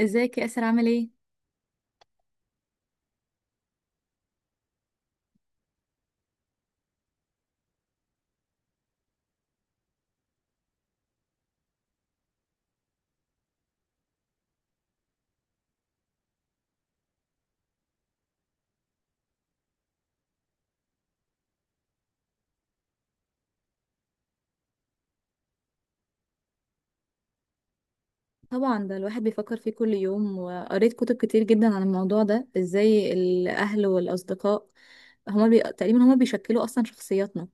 ازيك يا اسر، عامل ايه؟ طبعا، ده الواحد بيفكر فيه كل يوم، وقريت كتب كتير جدا عن الموضوع ده. ازاي الاهل والاصدقاء تقريبا هما بيشكلوا اصلا شخصياتنا.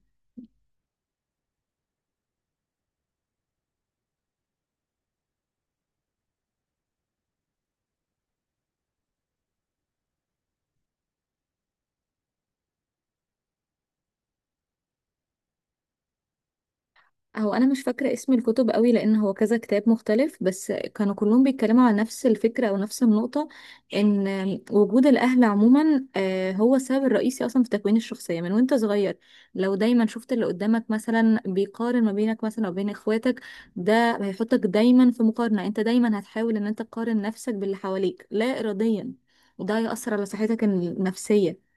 هو انا مش فاكره اسم الكتب قوي، لان هو كذا كتاب مختلف، بس كانوا كلهم بيتكلموا على نفس الفكره او نفس النقطه. ان وجود الاهل عموما هو السبب الرئيسي اصلا في تكوين الشخصيه من وانت صغير. لو دايما شفت اللي قدامك مثلا بيقارن ما بينك مثلا او بين اخواتك، ده هيحطك دايما في مقارنه، انت دايما هتحاول ان انت تقارن نفسك باللي حواليك لا اراديا، وده هيأثر على صحتك النفسيه.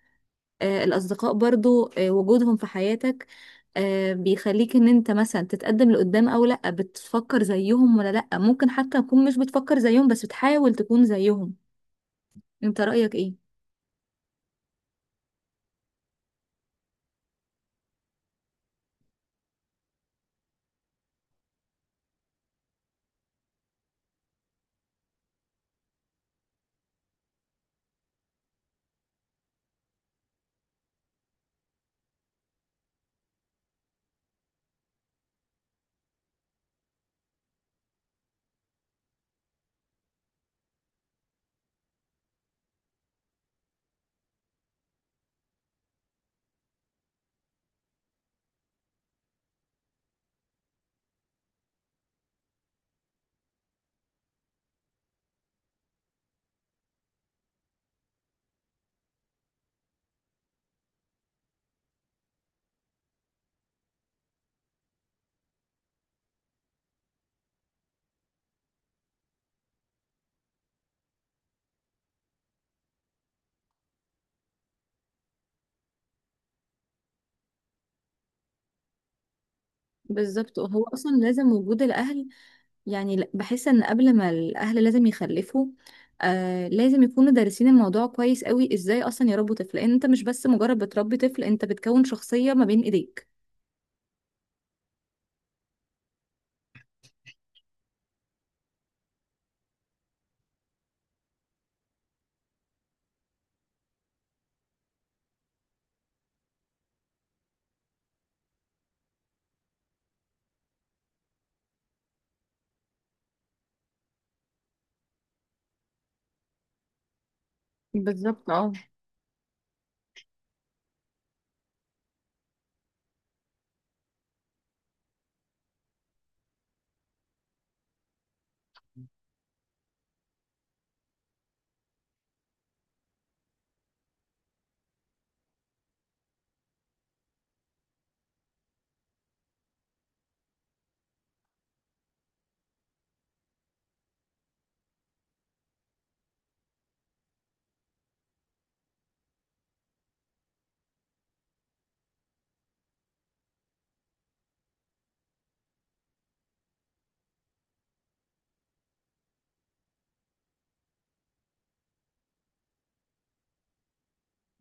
الأصدقاء برضو، وجودهم في حياتك بيخليك ان انت مثلا تتقدم لقدام، او لأ بتفكر زيهم، ولا لأ ممكن حتى تكون مش بتفكر زيهم بس بتحاول تكون زيهم. انت رأيك ايه؟ بالظبط، هو اصلا لازم وجود الاهل، يعني بحس ان قبل ما الاهل لازم يخلفوا، لازم يكونوا دارسين الموضوع كويس قوي ازاي اصلا يربوا طفل، لان انت مش بس مجرد بتربي طفل، انت بتكون شخصية ما بين ايديك. بالظبط اه.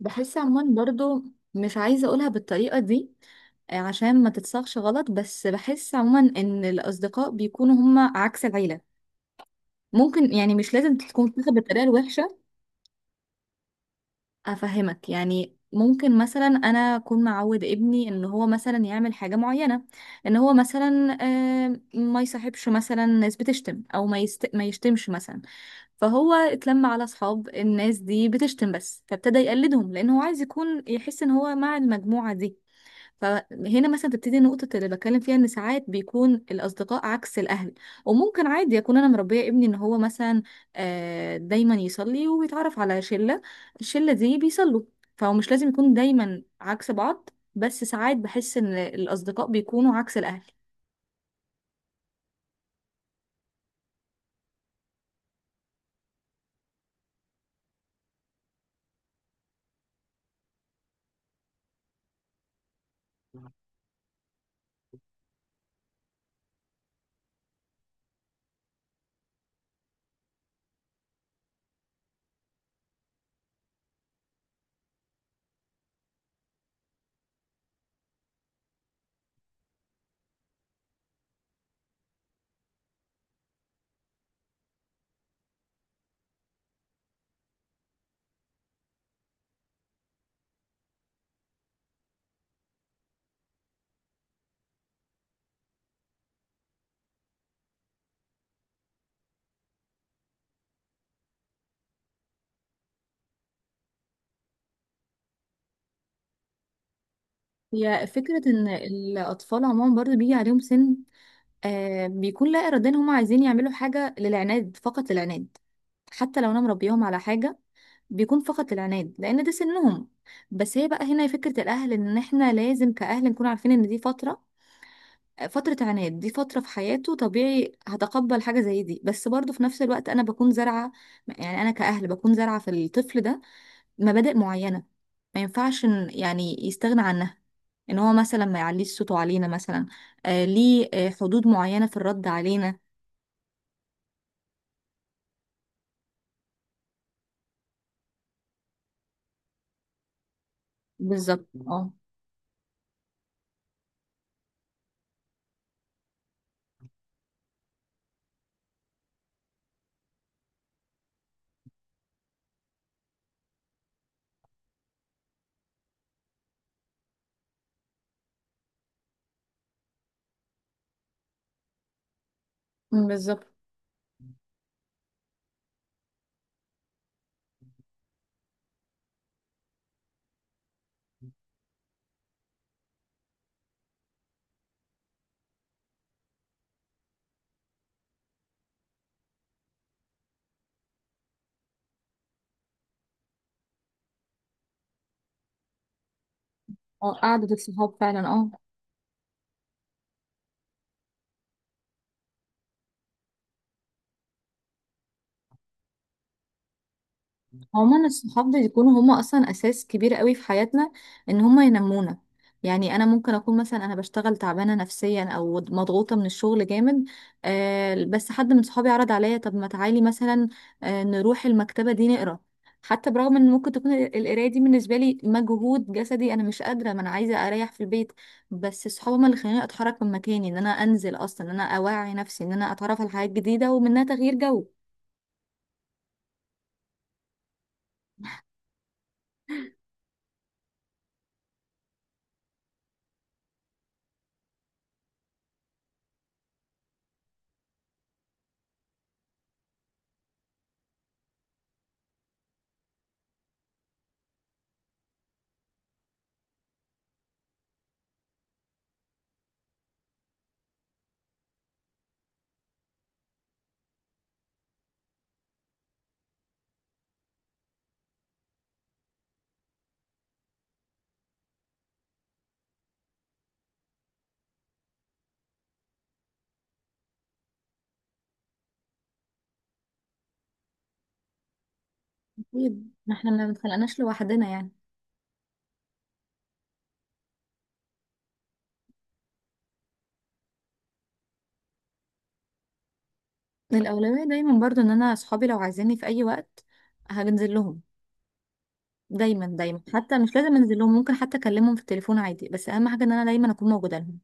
بحس عموما برضو، مش عايزة أقولها بالطريقة دي، عشان ما تتصاغش غلط، بس بحس عموما إن الأصدقاء بيكونوا هما عكس العيلة. ممكن يعني مش لازم تكون تاخد بالطريقة الوحشة. أفهمك، يعني ممكن مثلا أنا أكون معود ابني إن هو مثلا يعمل حاجة معينة، إن هو مثلا ما يصاحبش مثلا ناس بتشتم، أو ما يشتمش مثلا. فهو اتلم على اصحاب الناس دي بتشتم، بس فابتدى يقلدهم لان هو عايز يكون يحس ان هو مع المجموعة دي. فهنا مثلا تبتدي النقطة اللي بتكلم فيها، ان ساعات بيكون الاصدقاء عكس الاهل. وممكن عادي اكون انا مربية ابني ان هو مثلا دايما يصلي ويتعرف على شلة، الشلة دي بيصلوا، فهو مش لازم يكون دايما عكس بعض، بس ساعات بحس ان الاصدقاء بيكونوا عكس الاهل. هي فكرة ان الاطفال عموما برضو بيجي عليهم سن بيكون لا إراديا هم عايزين يعملوا حاجة للعناد، فقط للعناد، حتى لو أنا مربيهم على حاجة بيكون فقط العناد لأن ده سنهم. بس هي بقى هنا فكرة الأهل، إن إحنا لازم كأهل نكون عارفين إن دي فترة، فترة عناد، دي فترة في حياته طبيعي، هتقبل حاجة زي دي، بس برضه في نفس الوقت أنا بكون زارعة، يعني أنا كأهل بكون زارعة في الطفل ده مبادئ معينة، ما ينفعش يعني يستغنى عنها. ان هو مثلا ما يعليش صوته علينا مثلا، ليه حدود معينة في الرد علينا. بالظبط اه. بالظبط. اه، قعدة الصحاب فعلا، اه. عموما، الصحاب بيكونوا هما اصلا اساس كبير قوي في حياتنا، ان هما ينمونا. يعني انا ممكن اكون مثلا انا بشتغل تعبانه نفسيا او مضغوطه من الشغل جامد، بس حد من صحابي عرض عليا، طب ما تعالي مثلا نروح المكتبه دي نقرا. حتى برغم ان ممكن تكون القرايه دي بالنسبه لي مجهود جسدي، انا مش قادره، ما انا عايزه اريح في البيت، بس صحابي هما اللي خلاني اتحرك من مكاني، ان انا انزل اصلا، ان انا اوعي نفسي، ان انا اتعرف على حاجات جديده، ومنها تغيير جو. أكيد، ما احنا ما بنخلقناش لوحدنا يعني. الأولوية دايما برضو إن أنا أصحابي لو عايزيني في أي وقت هنزل لهم، دايما دايما، حتى مش لازم أنزل لهم، ممكن حتى أكلمهم في التليفون عادي، بس أهم حاجة إن أنا دايما أكون موجودة لهم.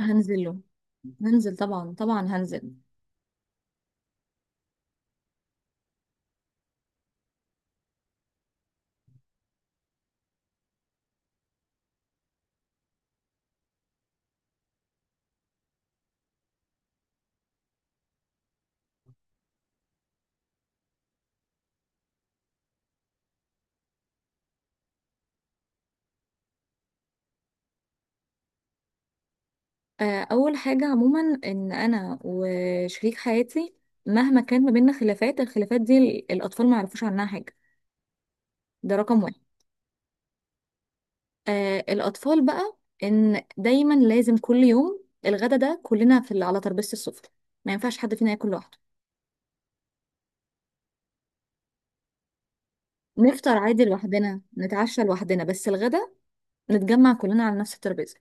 هنزل لهم، هنزل طبعا، طبعا هنزل. أول حاجة عموما إن أنا وشريك حياتي مهما كان ما بيننا خلافات، الخلافات دي الأطفال ما يعرفوش عنها حاجة، ده رقم واحد. الأطفال بقى، إن دايما لازم كل يوم الغدا ده كلنا في على ترابيزة السفرة، ما ينفعش حد فينا ياكل لوحده. نفطر عادي لوحدنا، نتعشى لوحدنا، بس الغدا نتجمع كلنا على نفس الترابيزة.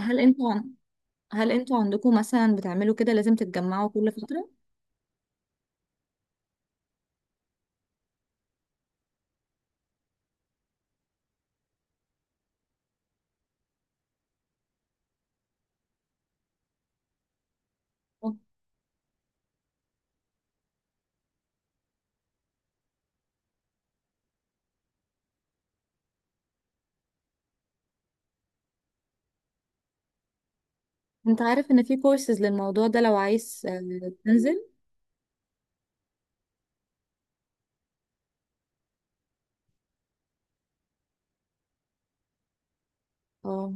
هل انتوا عن... هل انتوا عندكم مثلا بتعملوا كده، لازم تتجمعوا كل فترة؟ اه. انت عارف ان في كورسز للموضوع ده لو عايز تنزل. اه،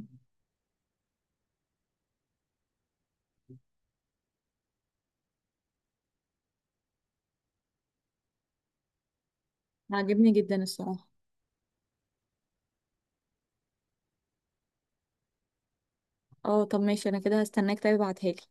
عاجبني جدا الصراحة. اه، طب ماشي، انا كده هستناك، طيب ابعتها لي.